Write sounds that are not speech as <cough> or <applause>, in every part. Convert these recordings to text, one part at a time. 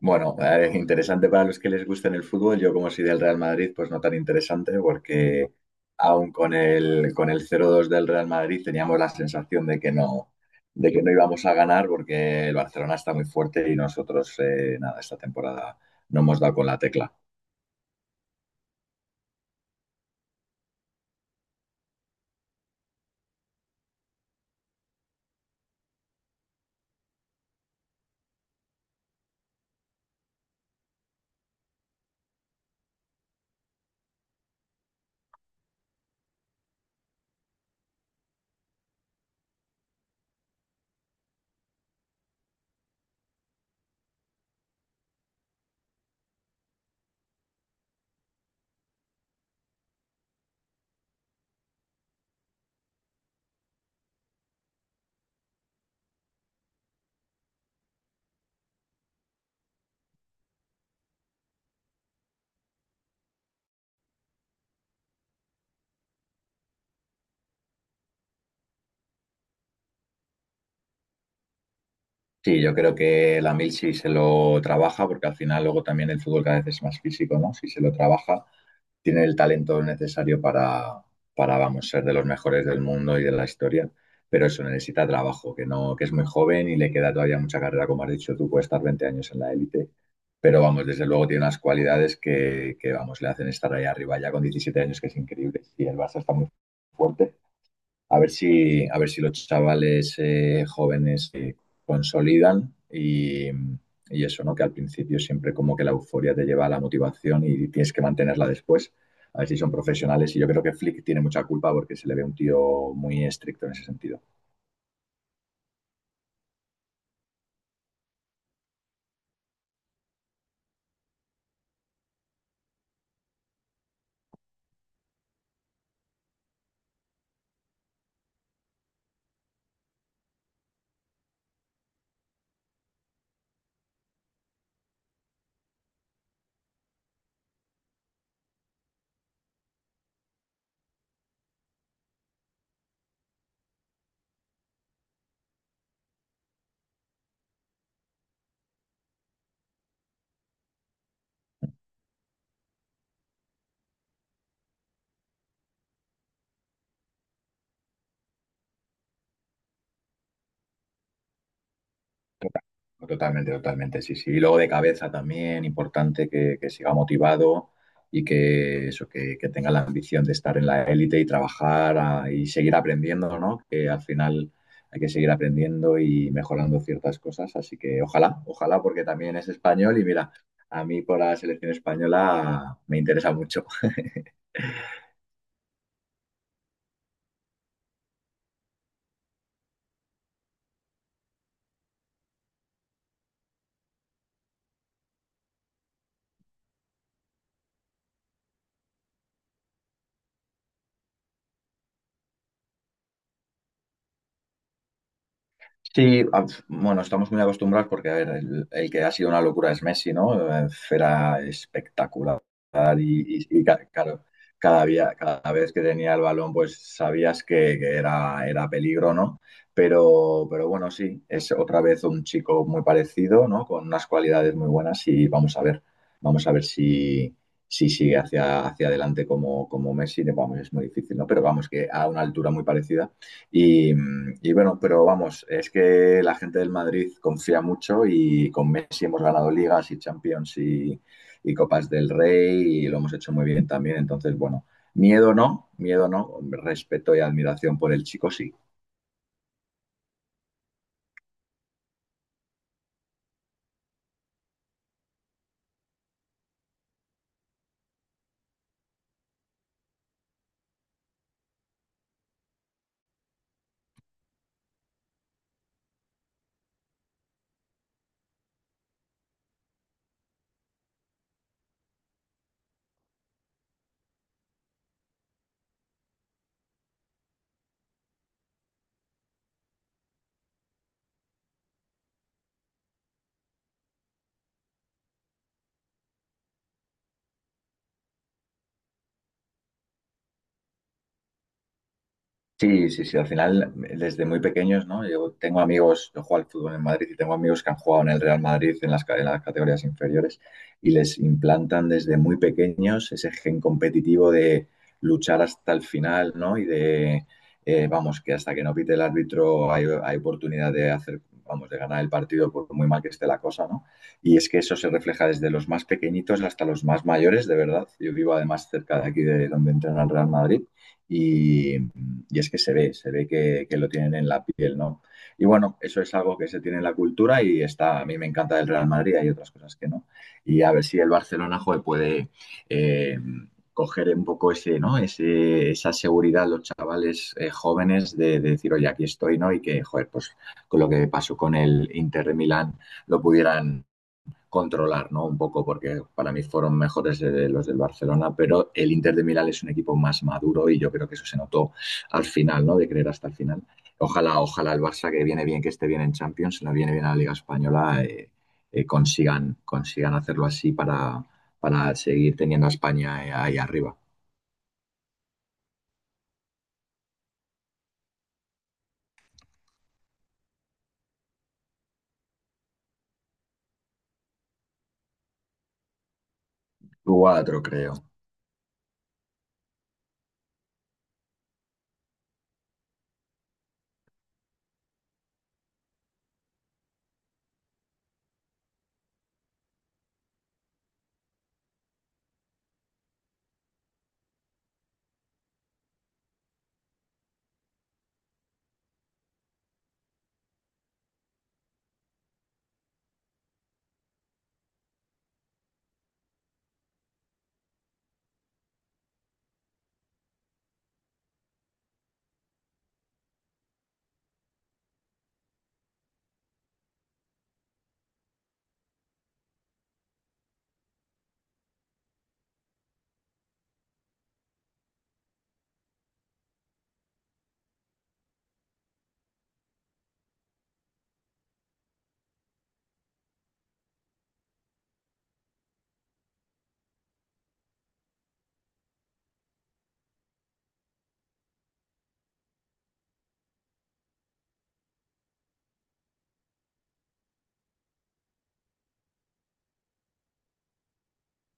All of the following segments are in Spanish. Bueno, es interesante para los que les gusta el fútbol. Yo, como soy del Real Madrid, pues no tan interesante, porque aún con el 0-2 del Real Madrid teníamos la sensación de que no íbamos a ganar, porque el Barcelona está muy fuerte y nosotros, nada, esta temporada no hemos dado con la tecla. Sí, yo creo que la mil si se lo trabaja, porque al final luego también el fútbol cada vez es más físico, ¿no? Si se lo trabaja, tiene el talento necesario para, vamos, ser de los mejores del mundo y de la historia, pero eso necesita trabajo, que no, que es muy joven y le queda todavía mucha carrera, como has dicho tú, puede estar 20 años en la élite, pero vamos, desde luego tiene unas cualidades que, vamos, le hacen estar ahí arriba ya con 17 años, que es increíble, y el Barça está muy fuerte. A ver si, a ver si los chavales jóvenes se consolidan y eso, ¿no? Que al principio siempre como que la euforia te lleva a la motivación y tienes que mantenerla después. A ver si son profesionales. Y yo creo que Flick tiene mucha culpa porque se le ve un tío muy estricto en ese sentido. Totalmente, totalmente, sí, sí. Y luego de cabeza también, importante que siga motivado y que eso, que tenga la ambición de estar en la élite y trabajar y seguir aprendiendo, ¿no? Que al final hay que seguir aprendiendo y mejorando ciertas cosas. Así que ojalá, ojalá, porque también es español y mira, a mí por la selección española me interesa mucho. <laughs> Sí, bueno, estamos muy acostumbrados porque, a ver, el que ha sido una locura es Messi, ¿no? Era espectacular y, y claro, cada día, cada vez que tenía el balón, pues sabías que era, era peligro, ¿no? Pero bueno, sí, es otra vez un chico muy parecido, ¿no? Con unas cualidades muy buenas y vamos a ver si, si sigue hacia, hacia adelante como, como Messi. Vamos, es muy difícil, ¿no? Pero vamos, que a una altura muy parecida. Y, y, bueno, pero vamos, es que la gente del Madrid confía mucho y con Messi hemos ganado ligas y Champions y Copas del Rey y lo hemos hecho muy bien también. Entonces, bueno, miedo no, respeto y admiración por el chico sí. Sí, sí, sí. Al final, desde muy pequeños, ¿no? Yo tengo amigos, yo juego al fútbol en Madrid y tengo amigos que han jugado en el Real Madrid en las, en las categorías inferiores y les implantan desde muy pequeños ese gen competitivo de luchar hasta el final, ¿no? Y de, vamos, que hasta que no pite el árbitro hay, hay oportunidad de hacer, vamos, de ganar el partido por muy mal que esté la cosa, ¿no? Y es que eso se refleja desde los más pequeñitos hasta los más mayores, de verdad. Yo vivo además cerca de aquí de donde entrena el Real Madrid y es que se ve que, lo tienen en la piel, ¿no? Y bueno, eso es algo que se tiene en la cultura y está, a mí me encanta el Real Madrid, hay otras cosas que no. Y a ver si el Barcelona joder, puede eh, coger un poco ese, ¿no? Ese, esa seguridad los chavales jóvenes de, decir, oye, aquí estoy, ¿no? Y que, joder, pues con lo que pasó con el Inter de Milán lo pudieran controlar, ¿no? Un poco, porque para mí fueron mejores de los del Barcelona, pero el Inter de Milán es un equipo más maduro y yo creo que eso se notó al final, ¿no? De creer hasta el final. Ojalá, ojalá el Barça, que viene bien, que esté bien en Champions, no viene bien a la Liga Española, consigan, consigan hacerlo así para seguir teniendo a España ahí arriba. 4, creo.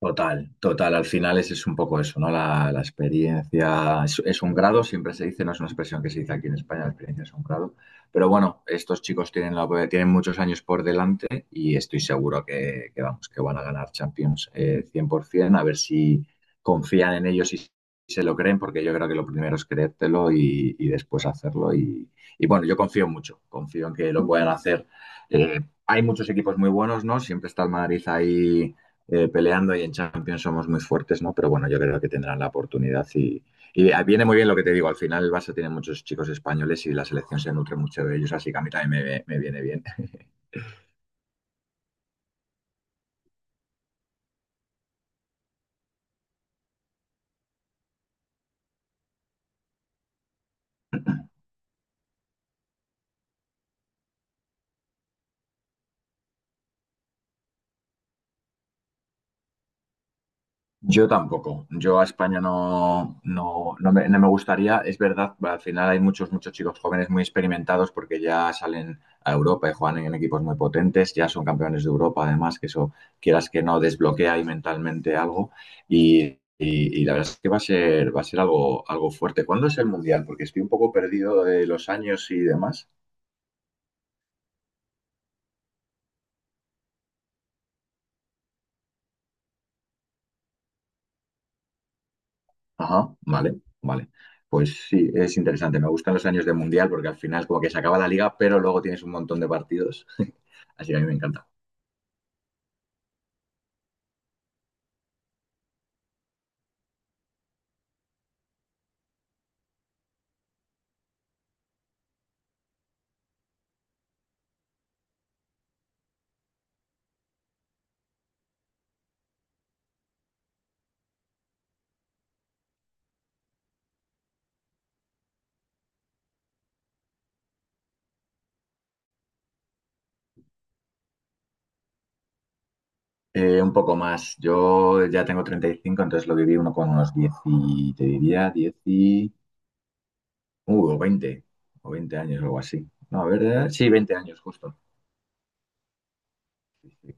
Total, total. Al final es un poco eso, ¿no? La experiencia es un grado, siempre se dice, no es una expresión que se dice aquí en España, la experiencia es un grado. Pero bueno, estos chicos tienen, la, tienen muchos años por delante y estoy seguro que vamos, que van a ganar Champions 100%, a ver si confían en ellos y se lo creen, porque yo creo que lo primero es creértelo y después hacerlo. Y bueno, yo confío mucho, confío en que lo puedan hacer. Eh, hay muchos equipos muy buenos, ¿no? Siempre está el Madrid ahí peleando y en Champions somos muy fuertes, ¿no? Pero bueno, yo creo que tendrán la oportunidad y viene muy bien lo que te digo. Al final el Barça tiene muchos chicos españoles y la selección se nutre mucho de ellos, así que a mí también me viene bien. Yo tampoco. Yo a España no, no, no me, no me gustaría. Es verdad, al final hay muchos, muchos chicos jóvenes muy experimentados porque ya salen a Europa y juegan en equipos muy potentes, ya son campeones de Europa, además, que eso quieras que no desbloquea ahí mentalmente algo. Y, y la verdad es que va a ser algo, algo fuerte. ¿Cuándo es el Mundial? Porque estoy un poco perdido de los años y demás. Ajá, vale, vale. Pues sí, es interesante. Me gustan los años de mundial porque al final como que se acaba la liga, pero luego tienes un montón de partidos. Así que a mí me encanta. Un poco más. Yo ya tengo 35 entonces lo viví uno con unos 10 y te diría 10 y... o 20, o 20 años, algo así. No, a ver, sí, 20 años justo. Sí, sí.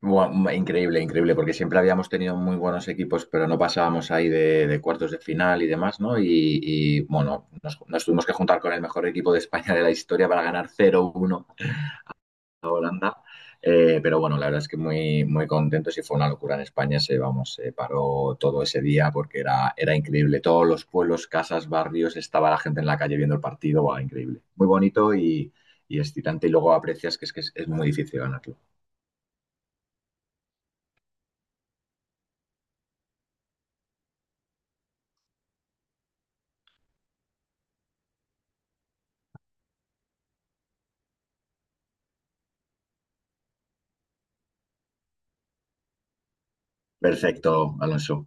Buah, increíble, increíble, porque siempre habíamos tenido muy buenos equipos, pero no pasábamos ahí de cuartos de final y demás, ¿no? Y, bueno, nos, nos tuvimos que juntar con el mejor equipo de España de la historia para ganar 0-1 Holanda. Pero bueno, la verdad es que muy, muy contento. Si fue una locura en España, se, vamos, se paró todo ese día porque era, era increíble. Todos los pueblos, casas, barrios, estaba la gente en la calle viendo el partido. Buah, increíble. Muy bonito y excitante. Y luego aprecias que es muy difícil ganarlo. Perfecto, Alonso.